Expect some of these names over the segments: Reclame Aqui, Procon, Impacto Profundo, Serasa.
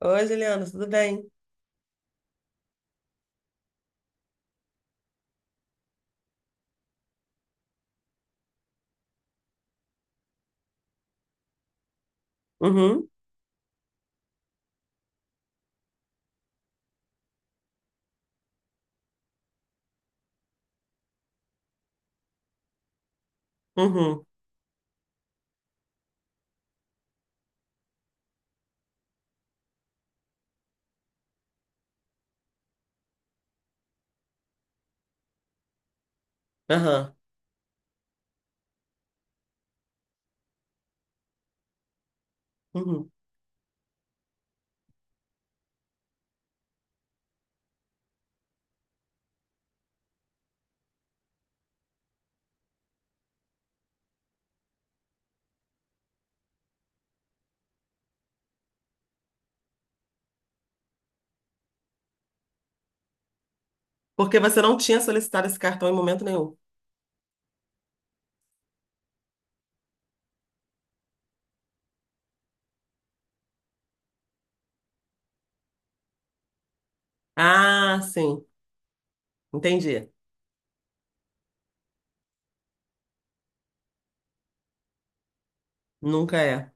Oi, Juliana, tudo bem? Uhum, uhum, aham, uhum. Porque você não tinha solicitado esse cartão em momento nenhum. Ah, sim, entendi. Nunca é.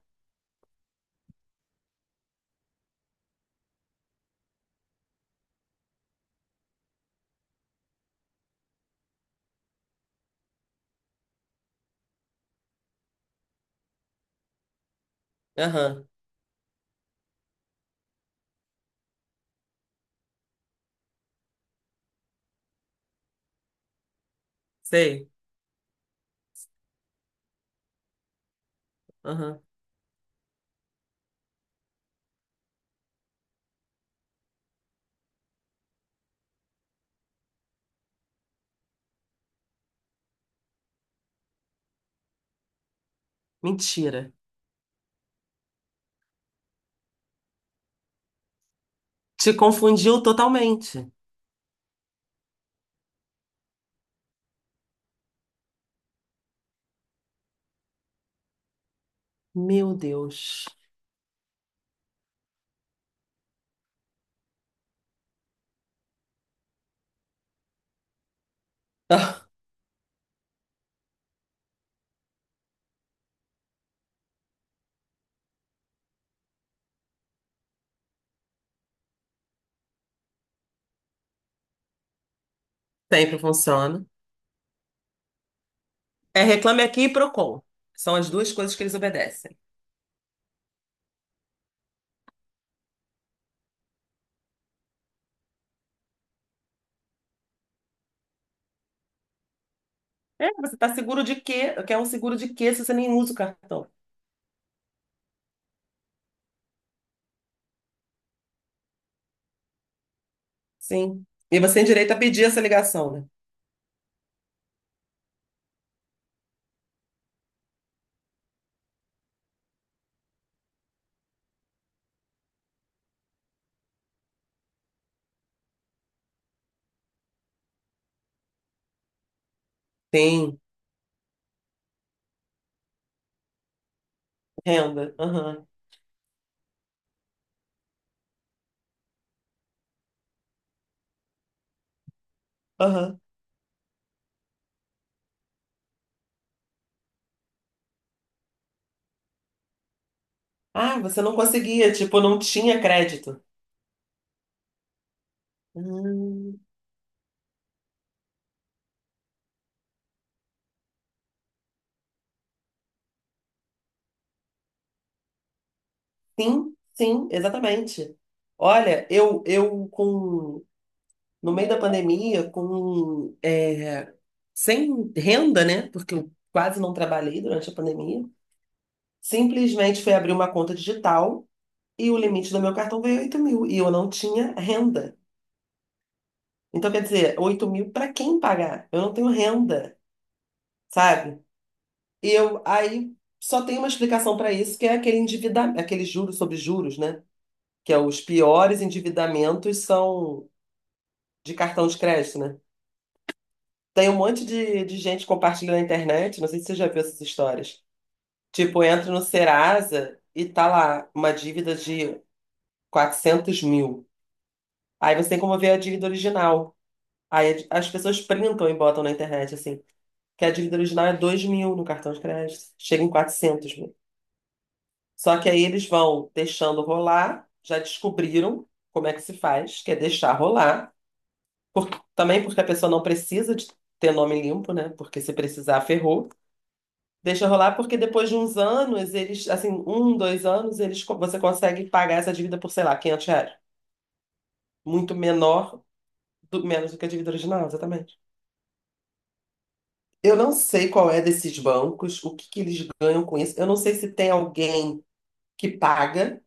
Aham, sei. Aham, mentira. Te confundiu totalmente. Meu Deus. Ah, sempre funciona. É Reclame Aqui e Procon. São as duas coisas que eles obedecem. É, você está seguro de quê? Quer um seguro de quê se você nem usa o cartão? Sim. E você tem direito a pedir essa ligação, né? Tem. Renda. Aham. Aham. Ah, você não conseguia, tipo, não tinha crédito. Hum, sim, sim, exatamente. Olha, eu com, no meio da pandemia, com, sem renda, né? Porque eu quase não trabalhei durante a pandemia, simplesmente fui abrir uma conta digital e o limite do meu cartão veio 8 mil e eu não tinha renda. Então, quer dizer, 8 mil para quem pagar? Eu não tenho renda, sabe? E eu, aí só tem uma explicação para isso, que é aquele endivida, aquele juros sobre juros, né? Que é os piores endividamentos são de cartão de crédito, né? Tem um monte de gente compartilhando na internet, não sei se você já viu essas histórias. Tipo, entra no Serasa e tá lá uma dívida de 400 mil. Aí você tem como ver a dívida original. Aí as pessoas printam e botam na internet, assim, que a dívida original é 2 mil no cartão de crédito. Chega em quatrocentos. Só que aí eles vão deixando rolar, já descobriram como é que se faz, que é deixar rolar. Por- Também porque a pessoa não precisa de ter nome limpo, né? Porque se precisar, ferrou. Deixa rolar porque depois de uns anos, eles, assim, um, dois anos, eles, você consegue pagar essa dívida por, sei lá, 500 reais. Muito menor, menos do que a dívida original, exatamente. Eu não sei qual é desses bancos, o que que eles ganham com isso. Eu não sei se tem alguém que paga.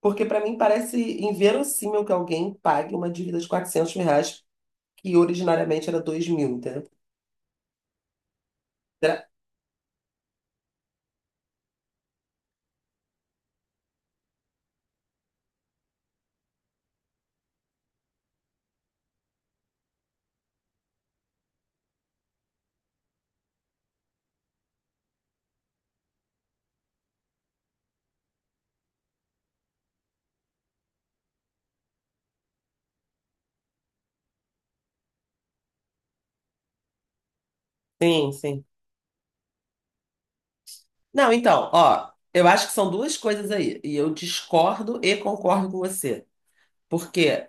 Porque para mim parece inverossímil que alguém pague uma dívida de 400 mil reais, que originariamente era 2 mil, entendeu? Será- Sim, sim. Não, então, ó, eu acho que são duas coisas aí, e eu discordo e concordo com você. Porque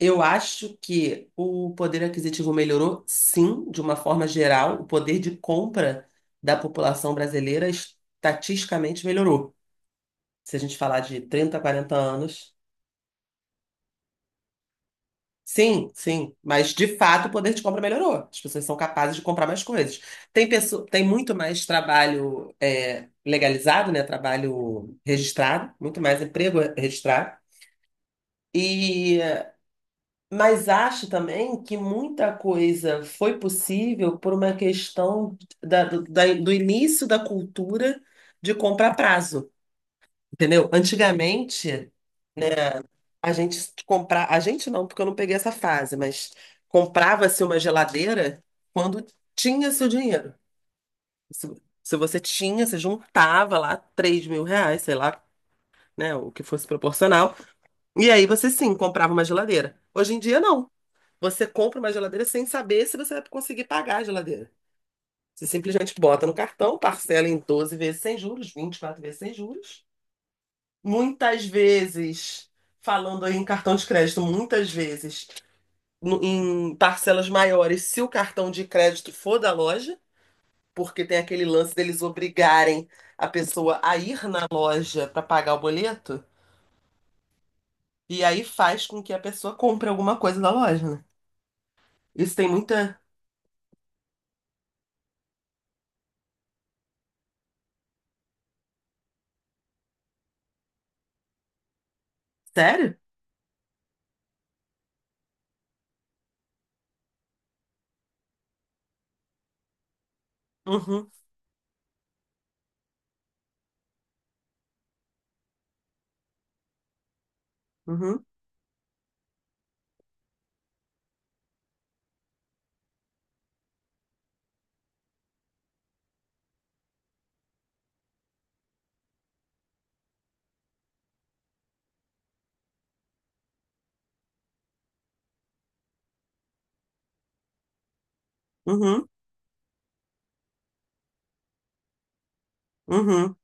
eu acho que o poder aquisitivo melhorou, sim, de uma forma geral, o poder de compra da população brasileira estatisticamente melhorou. Se a gente falar de 30, 40 anos. Sim, sim, mas de fato o poder de compra melhorou. As pessoas são capazes de comprar mais coisas. Tem pessoa, tem muito mais trabalho legalizado, né? Trabalho registrado, muito mais emprego registrado. E mas acho também que muita coisa foi possível por uma questão do início da cultura de compra a prazo, entendeu? Antigamente a gente comprar, a gente não, porque eu não peguei essa fase, mas comprava-se uma geladeira quando tinha seu dinheiro. Se, se você tinha, você juntava lá 3 mil reais, sei lá, né, o que fosse proporcional. E aí você sim comprava uma geladeira. Hoje em dia não. Você compra uma geladeira sem saber se você vai conseguir pagar a geladeira. Você simplesmente bota no cartão, parcela em 12 vezes sem juros, 24 vezes sem juros. Muitas vezes, falando aí em cartão de crédito, muitas vezes em parcelas maiores se o cartão de crédito for da loja, porque tem aquele lance deles obrigarem a pessoa a ir na loja para pagar o boleto, e aí faz com que a pessoa compre alguma coisa da loja, né? Isso tem muita. Sério? Uhum, uhum, uhum, uhum.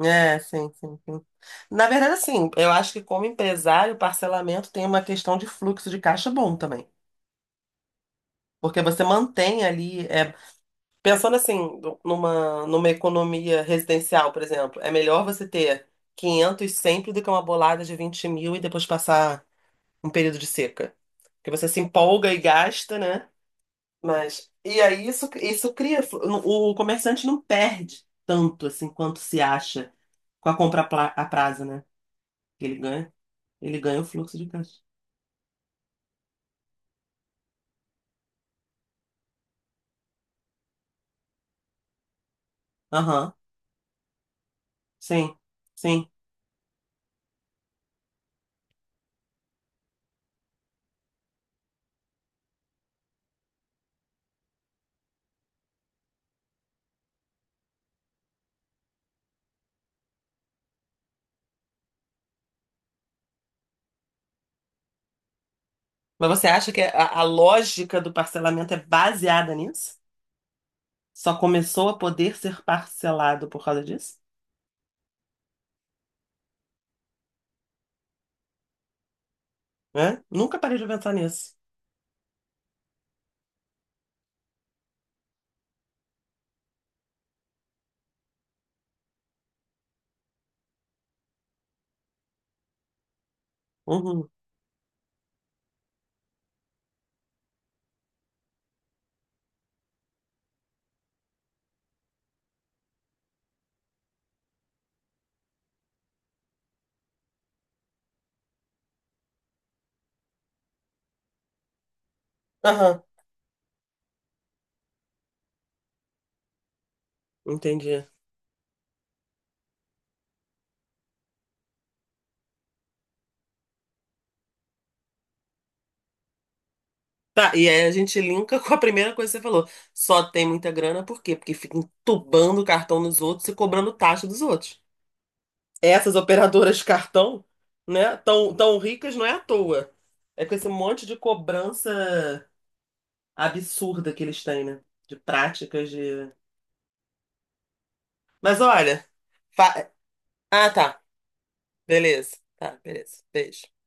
É, sim, sim, sim. Na verdade, assim, eu acho que como empresário, o parcelamento tem uma questão de fluxo de caixa bom também. Porque você mantém ali. Pensando assim, numa economia residencial, por exemplo, é melhor você ter 500 sempre do que uma bolada de 20 mil e depois passar um período de seca. Porque você se empolga e gasta, né? Mas, e aí isso cria. O comerciante não perde tanto assim quanto se acha com a compra a prazo, né? Que Ele ganha, ele ganha o fluxo de caixa. Aham, sim, sim. Mas você acha que a lógica do parcelamento é baseada nisso? Só começou a poder ser parcelado por causa disso? Né? Nunca parei de pensar nisso. Uhum. Aham, entendi. Tá, e aí a gente linka com a primeira coisa que você falou. Só tem muita grana, por quê? Porque fica entubando o cartão nos outros e cobrando taxa dos outros. Essas operadoras de cartão, né, tão, tão ricas não é à toa. É com esse monte de cobrança absurda que eles têm, né? De práticas de. Mas olha. fa- Ah, tá. Beleza. Tá, beleza. Beijo.